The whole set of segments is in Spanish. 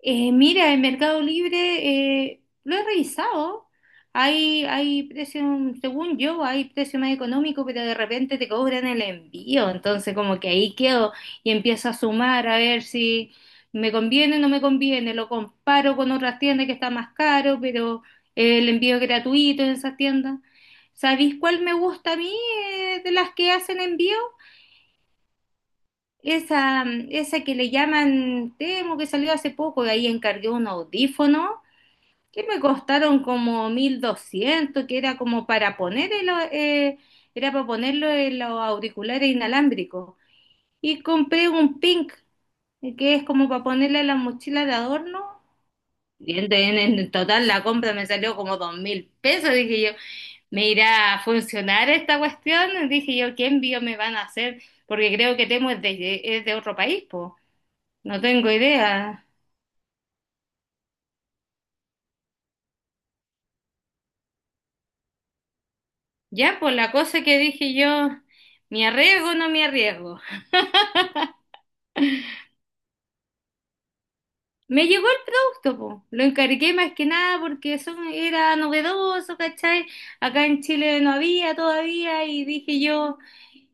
Mira, en Mercado Libre lo he revisado. Hay precio, según yo, hay precio más económico, pero de repente te cobran el envío. Entonces, como que ahí quedo y empiezo a sumar a ver si me conviene o no me conviene. Lo comparo con otras tiendas que está más caro, pero el envío es gratuito en esas tiendas. ¿Sabéis cuál me gusta a mí de las que hacen envío? Esa, esa que le llaman temo que salió hace poco, y ahí encargué un audífono que me costaron como 1200, que era como para poner el, era para ponerlo en los auriculares inalámbricos. Y compré un pink, que es como para ponerle a la mochila de adorno. Y en total la compra me salió como 2000 pesos. Dije yo, ¿me irá a funcionar esta cuestión? Dije yo, ¿qué envío me van a hacer? Porque creo que Temu es es de otro país, pues no tengo idea. Ya, pues la cosa que dije yo, ¿me arriesgo o no me arriesgo? Me llegó el producto, po. Lo encargué más que nada porque eso era novedoso, ¿cachai? Acá en Chile no había todavía y dije yo,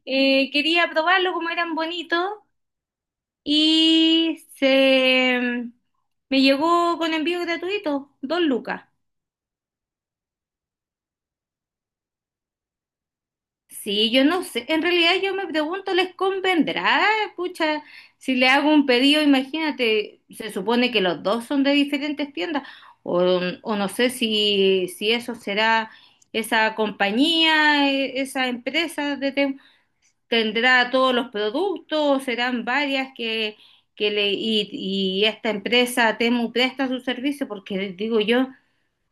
quería probarlo como eran bonitos y se, me llegó con envío gratuito, dos lucas. Sí, yo no sé, en realidad yo me pregunto, ¿les convendrá? Pucha, si le hago un pedido, imagínate, se supone que los dos son de diferentes tiendas, o no sé si eso será esa compañía, esa empresa de tendrá todos los productos, o serán varias que y esta empresa Temu presta su servicio, porque digo yo,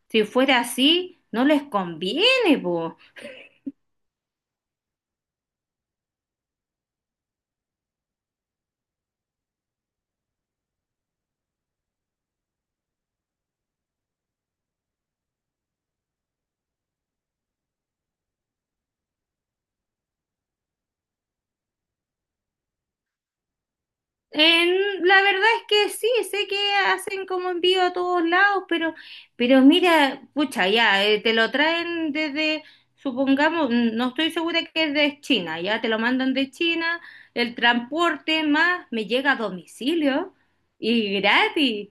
si fuera así, no les conviene. La verdad es que sí, sé que hacen como envío a todos lados, pero mira, pucha, ya, te lo traen desde, supongamos, no estoy segura que es de China, ya te lo mandan de China, el transporte más me llega a domicilio y gratis.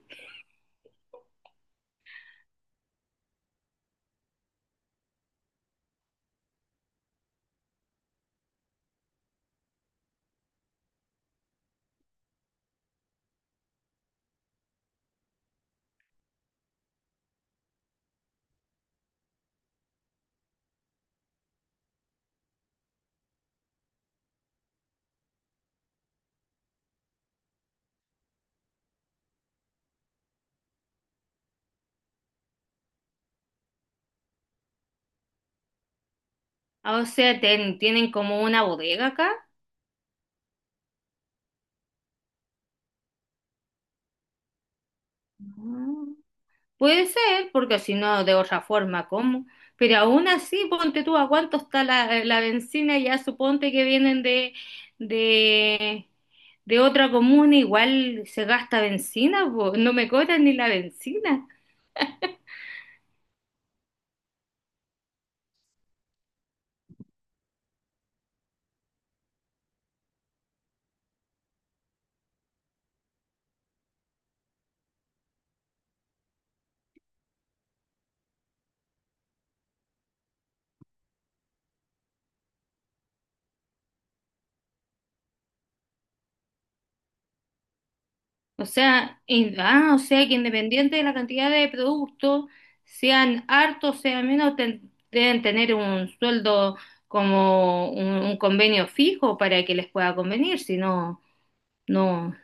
O sea, tienen como una bodega acá. Puede ser, porque si no, de otra forma, ¿cómo? Pero aún así, ponte tú a cuánto está la bencina, ya suponte que vienen de, de otra comuna, igual se gasta bencina, po, no me cobran ni la bencina. O sea, o sea que independiente de la cantidad de productos, sean hartos, sean menos, deben tener un sueldo como un convenio fijo para que les pueda convenir, si no, no.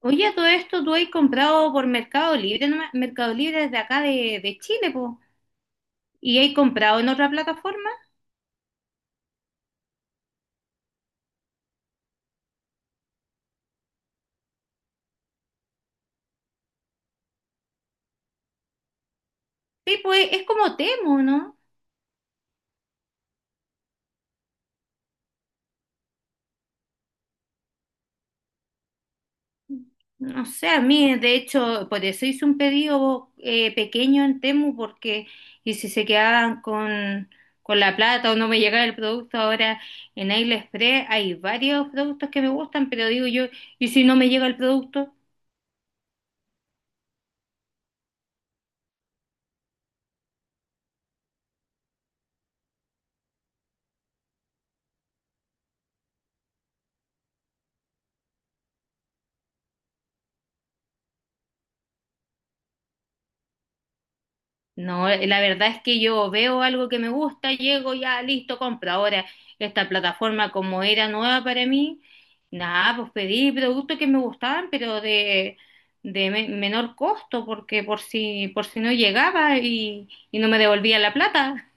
Oye, a todo esto tú has comprado por Mercado Libre, ¿no? Mercado Libre desde acá de Chile, pues. ¿Y has comprado en otra plataforma? Sí, pues es como Temu, ¿no? No sé, a mí, de hecho, por eso hice un pedido pequeño en Temu, porque y si se quedaban con la plata o no me llegaba el producto ahora en AliExpress, hay varios productos que me gustan, pero digo yo, ¿y si no me llega el producto? No, la verdad es que yo veo algo que me gusta, llego ya, listo, compro. Ahora, esta plataforma como era nueva para mí, nada, pues pedí productos que me gustaban, pero de menor costo, porque por si no llegaba y no me devolvía la plata.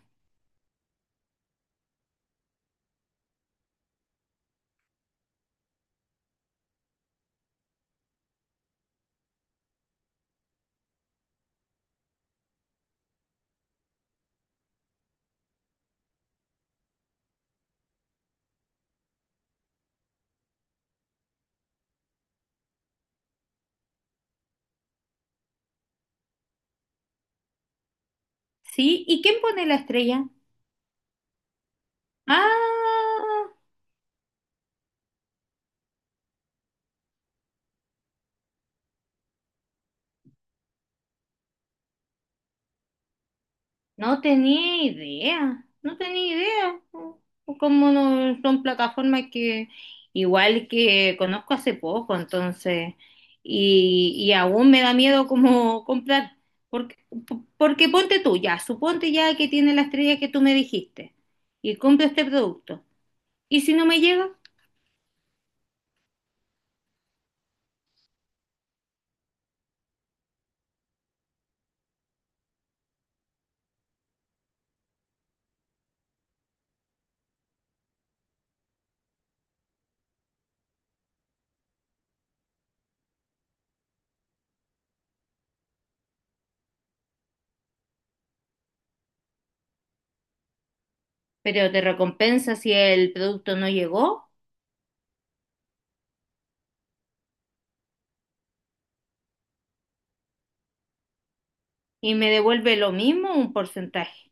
¿Sí? ¿Y quién pone la estrella? Ah, no tenía idea, no tenía idea. Como no son plataformas que igual que conozco hace poco, entonces, y aún me da miedo como comprar, porque, porque ponte tú ya, suponte ya que tiene la estrella que tú me dijiste y compro este producto. ¿Y si no me llega? Pero te recompensa si el producto no llegó y me devuelve lo mismo, un porcentaje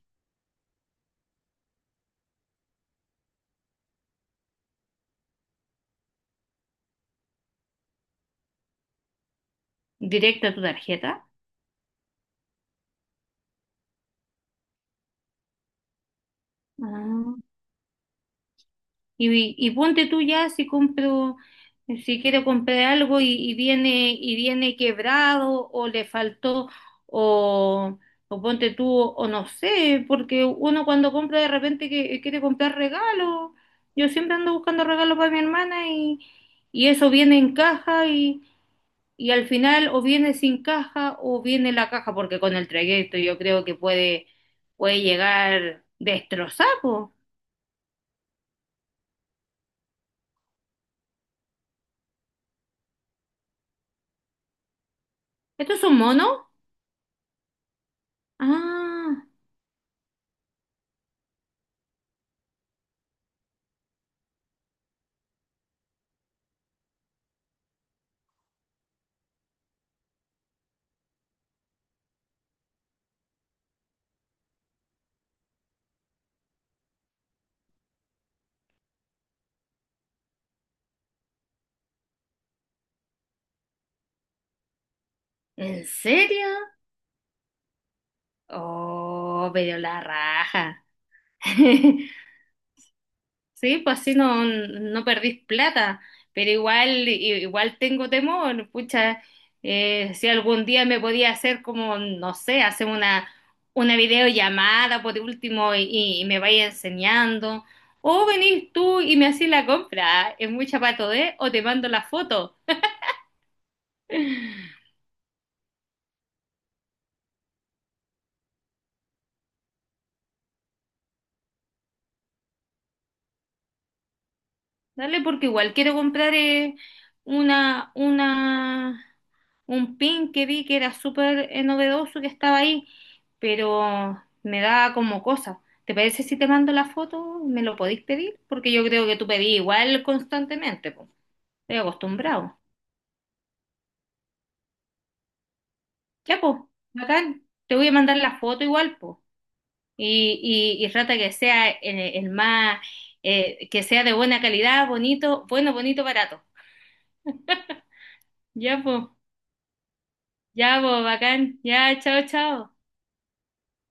directo a tu tarjeta. Ah. Y ponte tú ya si compro, si quiero comprar algo y viene quebrado o le faltó, o, o ponte tú, o no sé, porque uno cuando compra de repente quiere comprar regalos. Yo siempre ando buscando regalos para mi hermana y eso viene en caja y al final o viene sin caja o viene la caja, porque con el trayecto yo creo que puede llegar destrozado. ¿Estos son monos? Ah. ¿En serio? Oh, pero la raja. Sí, pues así no, no perdís plata, pero igual, igual tengo temor, pucha, si algún día me podía hacer como, no sé, una videollamada por último y me vaya enseñando, o venís tú y me haces la compra, es mucha pato, de, o te mando la foto. Dale, porque igual quiero comprar una, una, un pin que vi que era súper novedoso que estaba ahí, pero me da como cosa. ¿Te parece si te mando la foto? ¿Me lo podéis pedir? Porque yo creo que tú pedís igual constantemente, pues. Estoy acostumbrado. Ya, pues, bacán. Te voy a mandar la foto igual, pues. Y trata que sea el más, que sea de buena calidad, bonito, bueno, bonito, barato. Ya, pues. Ya, pues, bacán. Ya, chao, chao.